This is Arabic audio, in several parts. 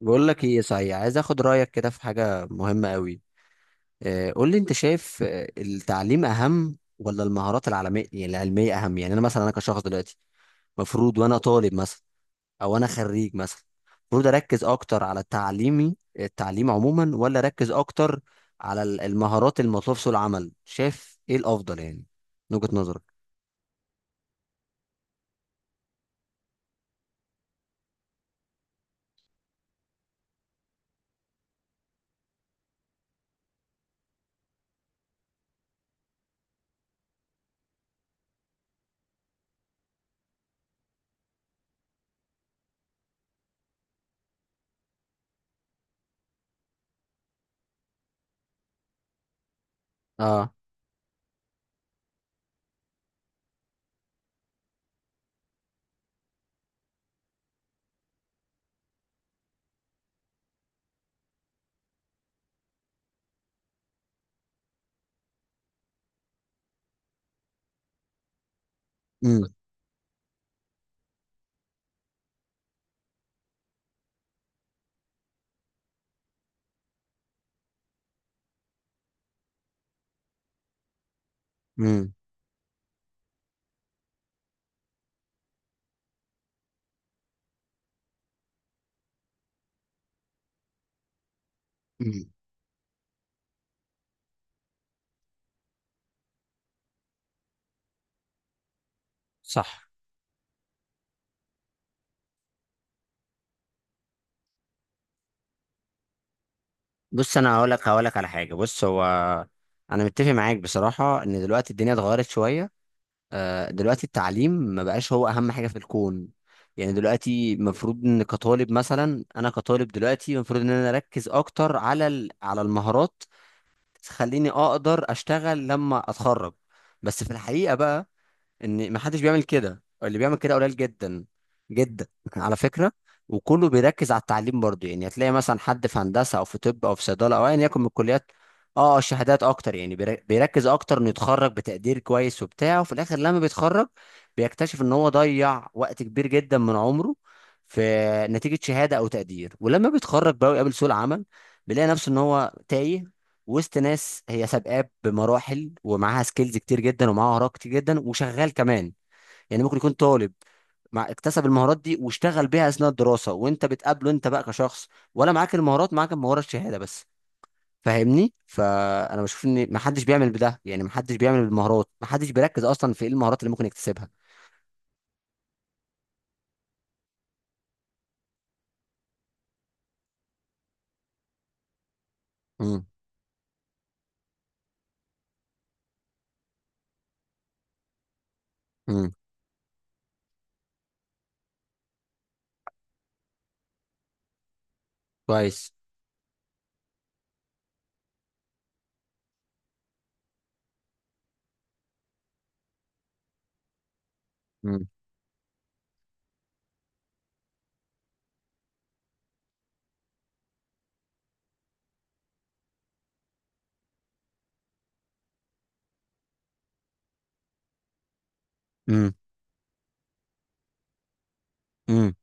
بقول لك ايه، صحيح عايز اخد رايك كده في حاجه مهمه قوي. قول لي، انت شايف التعليم اهم ولا المهارات العلميه؟ يعني العلميه اهم، يعني انا مثلا، انا كشخص دلوقتي مفروض وانا طالب مثلا، او انا خريج مثلا، المفروض اركز اكتر على تعليمي، التعليم عموما، ولا اركز اكتر على المهارات المطلوب في سوق العمل؟ شايف ايه الافضل يعني، من وجهه نظرك؟ اه. امم. امم. صح. بص، انا هقول لك على حاجه. بص، هو انا متفق معاك بصراحه ان دلوقتي الدنيا اتغيرت شويه. دلوقتي التعليم ما بقاش هو اهم حاجه في الكون. يعني دلوقتي المفروض ان كطالب مثلا، انا كطالب دلوقتي المفروض ان انا اركز اكتر على على المهارات تخليني اقدر اشتغل لما اتخرج. بس في الحقيقه بقى، ان ما حدش بيعمل كده، اللي بيعمل كده قليل جدا جدا على فكره. وكله بيركز على التعليم برضه، يعني هتلاقي مثلا حد في هندسه او في طب او في صيدله او ايا يكن من الكليات. اه، الشهادات اكتر يعني، بيركز اكتر انه يتخرج بتقدير كويس وبتاع، وفي الاخر لما بيتخرج بيكتشف ان هو ضيع وقت كبير جدا من عمره في نتيجه شهاده او تقدير. ولما بيتخرج بقى ويقابل سوق العمل، بيلاقي نفسه ان هو تايه وسط ناس هي سابقاه بمراحل ومعاها سكيلز كتير جدا ومعاها مهارات كتير جدا وشغال كمان. يعني ممكن يكون طالب مع اكتسب المهارات دي واشتغل بيها اثناء الدراسه، وانت بتقابله انت بقى كشخص، ولا معاك المهارات، معاك المهاره الشهاده بس. فاهمني؟ فانا بشوف ان محدش بيعمل بده، يعني محدش بيعمل بالمهارات، محدش بيركز اصلا في ايه المهارات اللي ممكن يكتسبها. امم. امم. كويس. امم. امم. امم.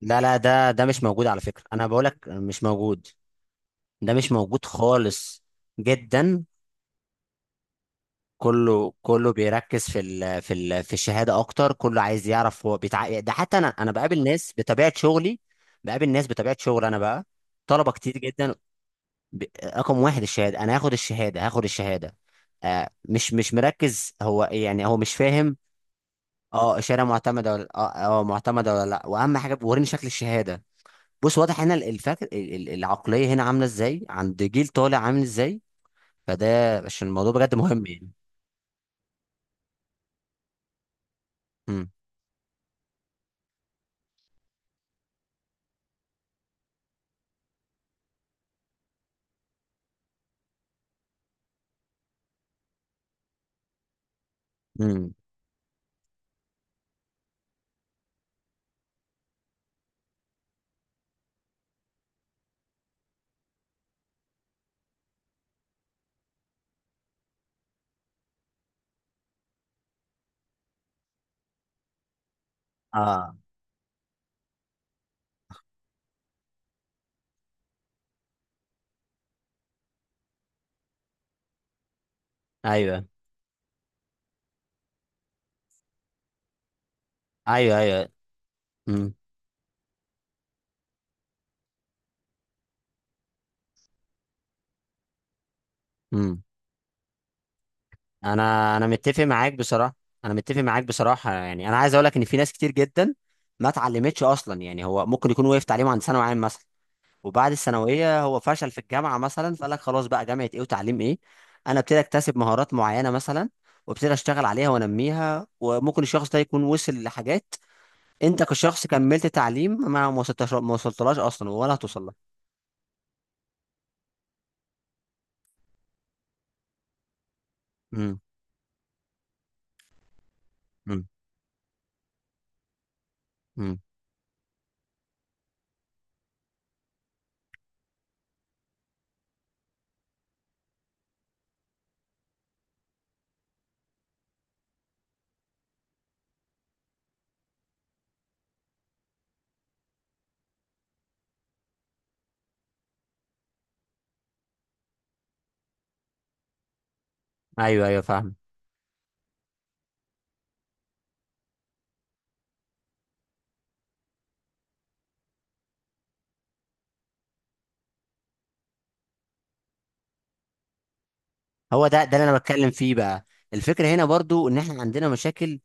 لا لا، ده مش موجود على فكره، انا بقولك مش موجود. ده مش موجود خالص. جدا. كله بيركز في الشهاده اكتر. كله عايز يعرف هو ده حتى انا بقابل ناس بطبيعه شغلي. بقابل ناس بطبيعه شغل انا بقى، طلبه كتير جدا. رقم واحد الشهاده. انا هاخد الشهاده، هاخد الشهاده. مش مركز هو، يعني هو مش فاهم. اه، الشهاده معتمده ولا اه، معتمده ولا لا، واهم حاجه وريني شكل الشهاده. بص، واضح هنا العقليه هنا عامله ازاي، عند جيل طالع عامل ازاي. فده عشان الموضوع بجد مهم يعني. امم. امم. اه. ايوه ايوه ايوه. امم. امم. انا متفق معاك بصراحه. انا متفق معاك بصراحه. يعني انا عايز اقول لك ان في ناس كتير جدا ما اتعلمتش اصلا. يعني هو ممكن يكون وقف تعليمه عند ثانوي عام مثلا، وبعد الثانويه هو فشل في الجامعه مثلا، فقال لك خلاص بقى، جامعه ايه وتعليم ايه؟ انا ابتدي اكتسب مهارات معينه مثلا، وابتدي اشتغل عليها وانميها، وممكن الشخص ده يكون وصل لحاجات انت كشخص كملت تعليم ما وصلتش، ما وصلتلاش اصلا ولا هتوصل لها. امم. امم. أمم. ايوه ايوه، فاهم. هو ده اللي انا بتكلم فيه بقى. الفكره هنا برضو ان احنا عندنا مشاكل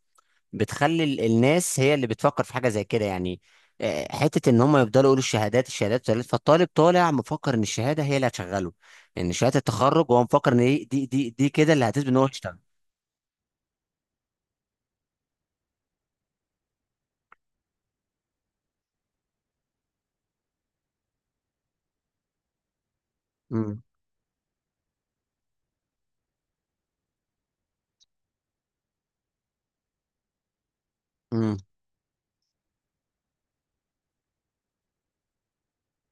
بتخلي الناس هي اللي بتفكر في حاجه زي كده. يعني حته ان هم يفضلوا يقولوا الشهادات الشهادات الشهادات، فالطالب طالع مفكر ان الشهاده هي اللي هتشغله، ان شهاده التخرج. هو مفكر ان دي كده اللي هتثبت ان هو يشتغل. امم. امم.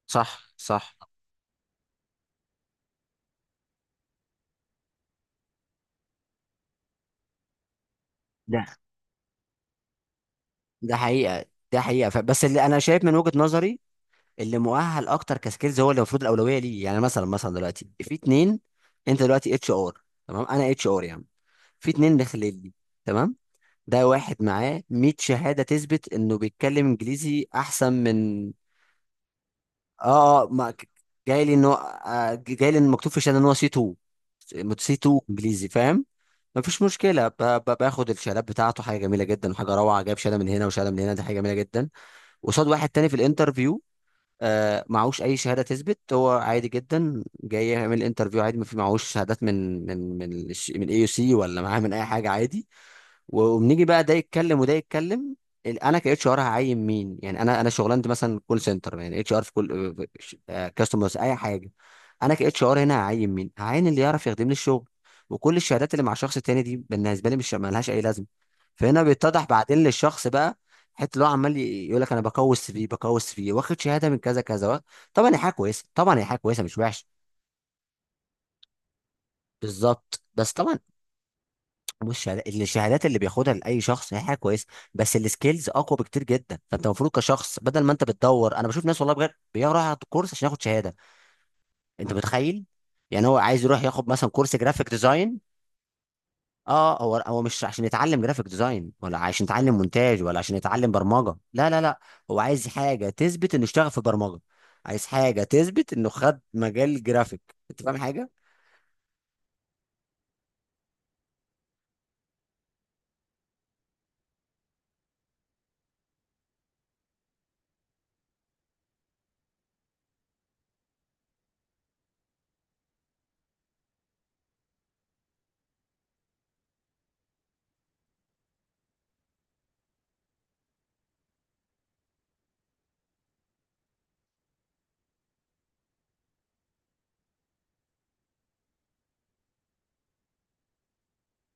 صح صح. ده ده حقيقه. ده حقيقه. بس اللي انا شايف من وجهه نظري، اللي مؤهل اكتر كسكيلز هو اللي المفروض الاولويه ليه. يعني مثلا دلوقتي في اتنين، انت دلوقتي اتش ار، تمام؟ انا اتش ار يعني. في اتنين داخلين لي، تمام، ده واحد معاه 100 شهادة تثبت انه بيتكلم انجليزي احسن من... اه اه، ما ك- جاي لي انه جاي لي إن مكتوب في الشهادة ان هو سي 2، سي 2 انجليزي، فاهم؟ مفيش مشكلة، باخد الشهادات بتاعته حاجة جميلة جدا وحاجة روعة، جايب شهادة من هنا وشهادة من هنا، دي حاجة جميلة جدا. قصاد واحد تاني في الانترفيو معهوش اي شهاده تثبت، هو عادي جدا، جاي يعمل انترفيو عادي، ما في معهوش شهادات من من اي يو سي، ولا معاه من اي حاجه، عادي. وبنيجي بقى، ده يتكلم وده يتكلم. انا كاتش ار هعين مين؟ يعني انا شغلانتي مثلا كول سنتر، يعني اتش ار في كل كاستمرز اي حاجه. انا كاتش ار هنا هعين مين؟ هعين اللي يعرف يخدم لي الشغل. وكل الشهادات اللي مع الشخص التاني دي بالنسبه لي مش مالهاش اي لازمه. فهنا بيتضح بعدين للشخص بقى، حته اللي هو عمال يقول لك انا بقوي السي في، بقوي السي في، واخد شهاده من كذا كذا. طبعا هي حاجه كويسه، طبعا هي حاجه كويسه، مش وحش. بالظبط. بس طبعا مش الشهادات اللي بياخدها لاي شخص هي حاجه كويسه، بس السكيلز اقوى بكتير جدا. فانت المفروض كشخص بدل ما انت بتدور، انا بشوف ناس والله بجد بيروح ياخد كورس عشان ياخد شهاده. انت متخيل؟ يعني هو عايز يروح ياخد مثلا كورس جرافيك ديزاين. اه، هو مش عشان يتعلم جرافيك ديزاين، ولا عشان يتعلم مونتاج، ولا عشان يتعلم برمجه، لا لا لا. هو عايز حاجه تثبت انه اشتغل في برمجه، عايز حاجه تثبت انه خد مجال جرافيك. انت فاهم حاجه؟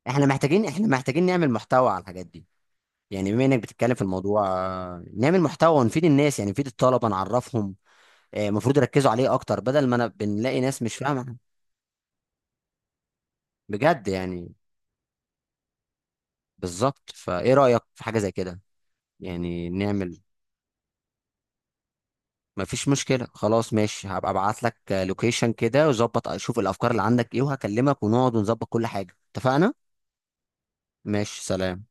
احنا محتاجين نعمل محتوى على الحاجات دي. يعني بما انك بتتكلم في الموضوع، نعمل محتوى ونفيد الناس. يعني نفيد الطلبه، نعرفهم المفروض يركزوا عليه اكتر، بدل ما انا بنلاقي ناس مش فاهمه. بجد يعني. بالظبط. فايه رايك في حاجه زي كده؟ يعني نعمل... مفيش مشكلة، خلاص ماشي. هبقى ابعت لك لوكيشن كده وظبط، اشوف الافكار اللي عندك ايه، وهكلمك ونقعد ونظبط كل حاجة. اتفقنا؟ ماشي، سلام.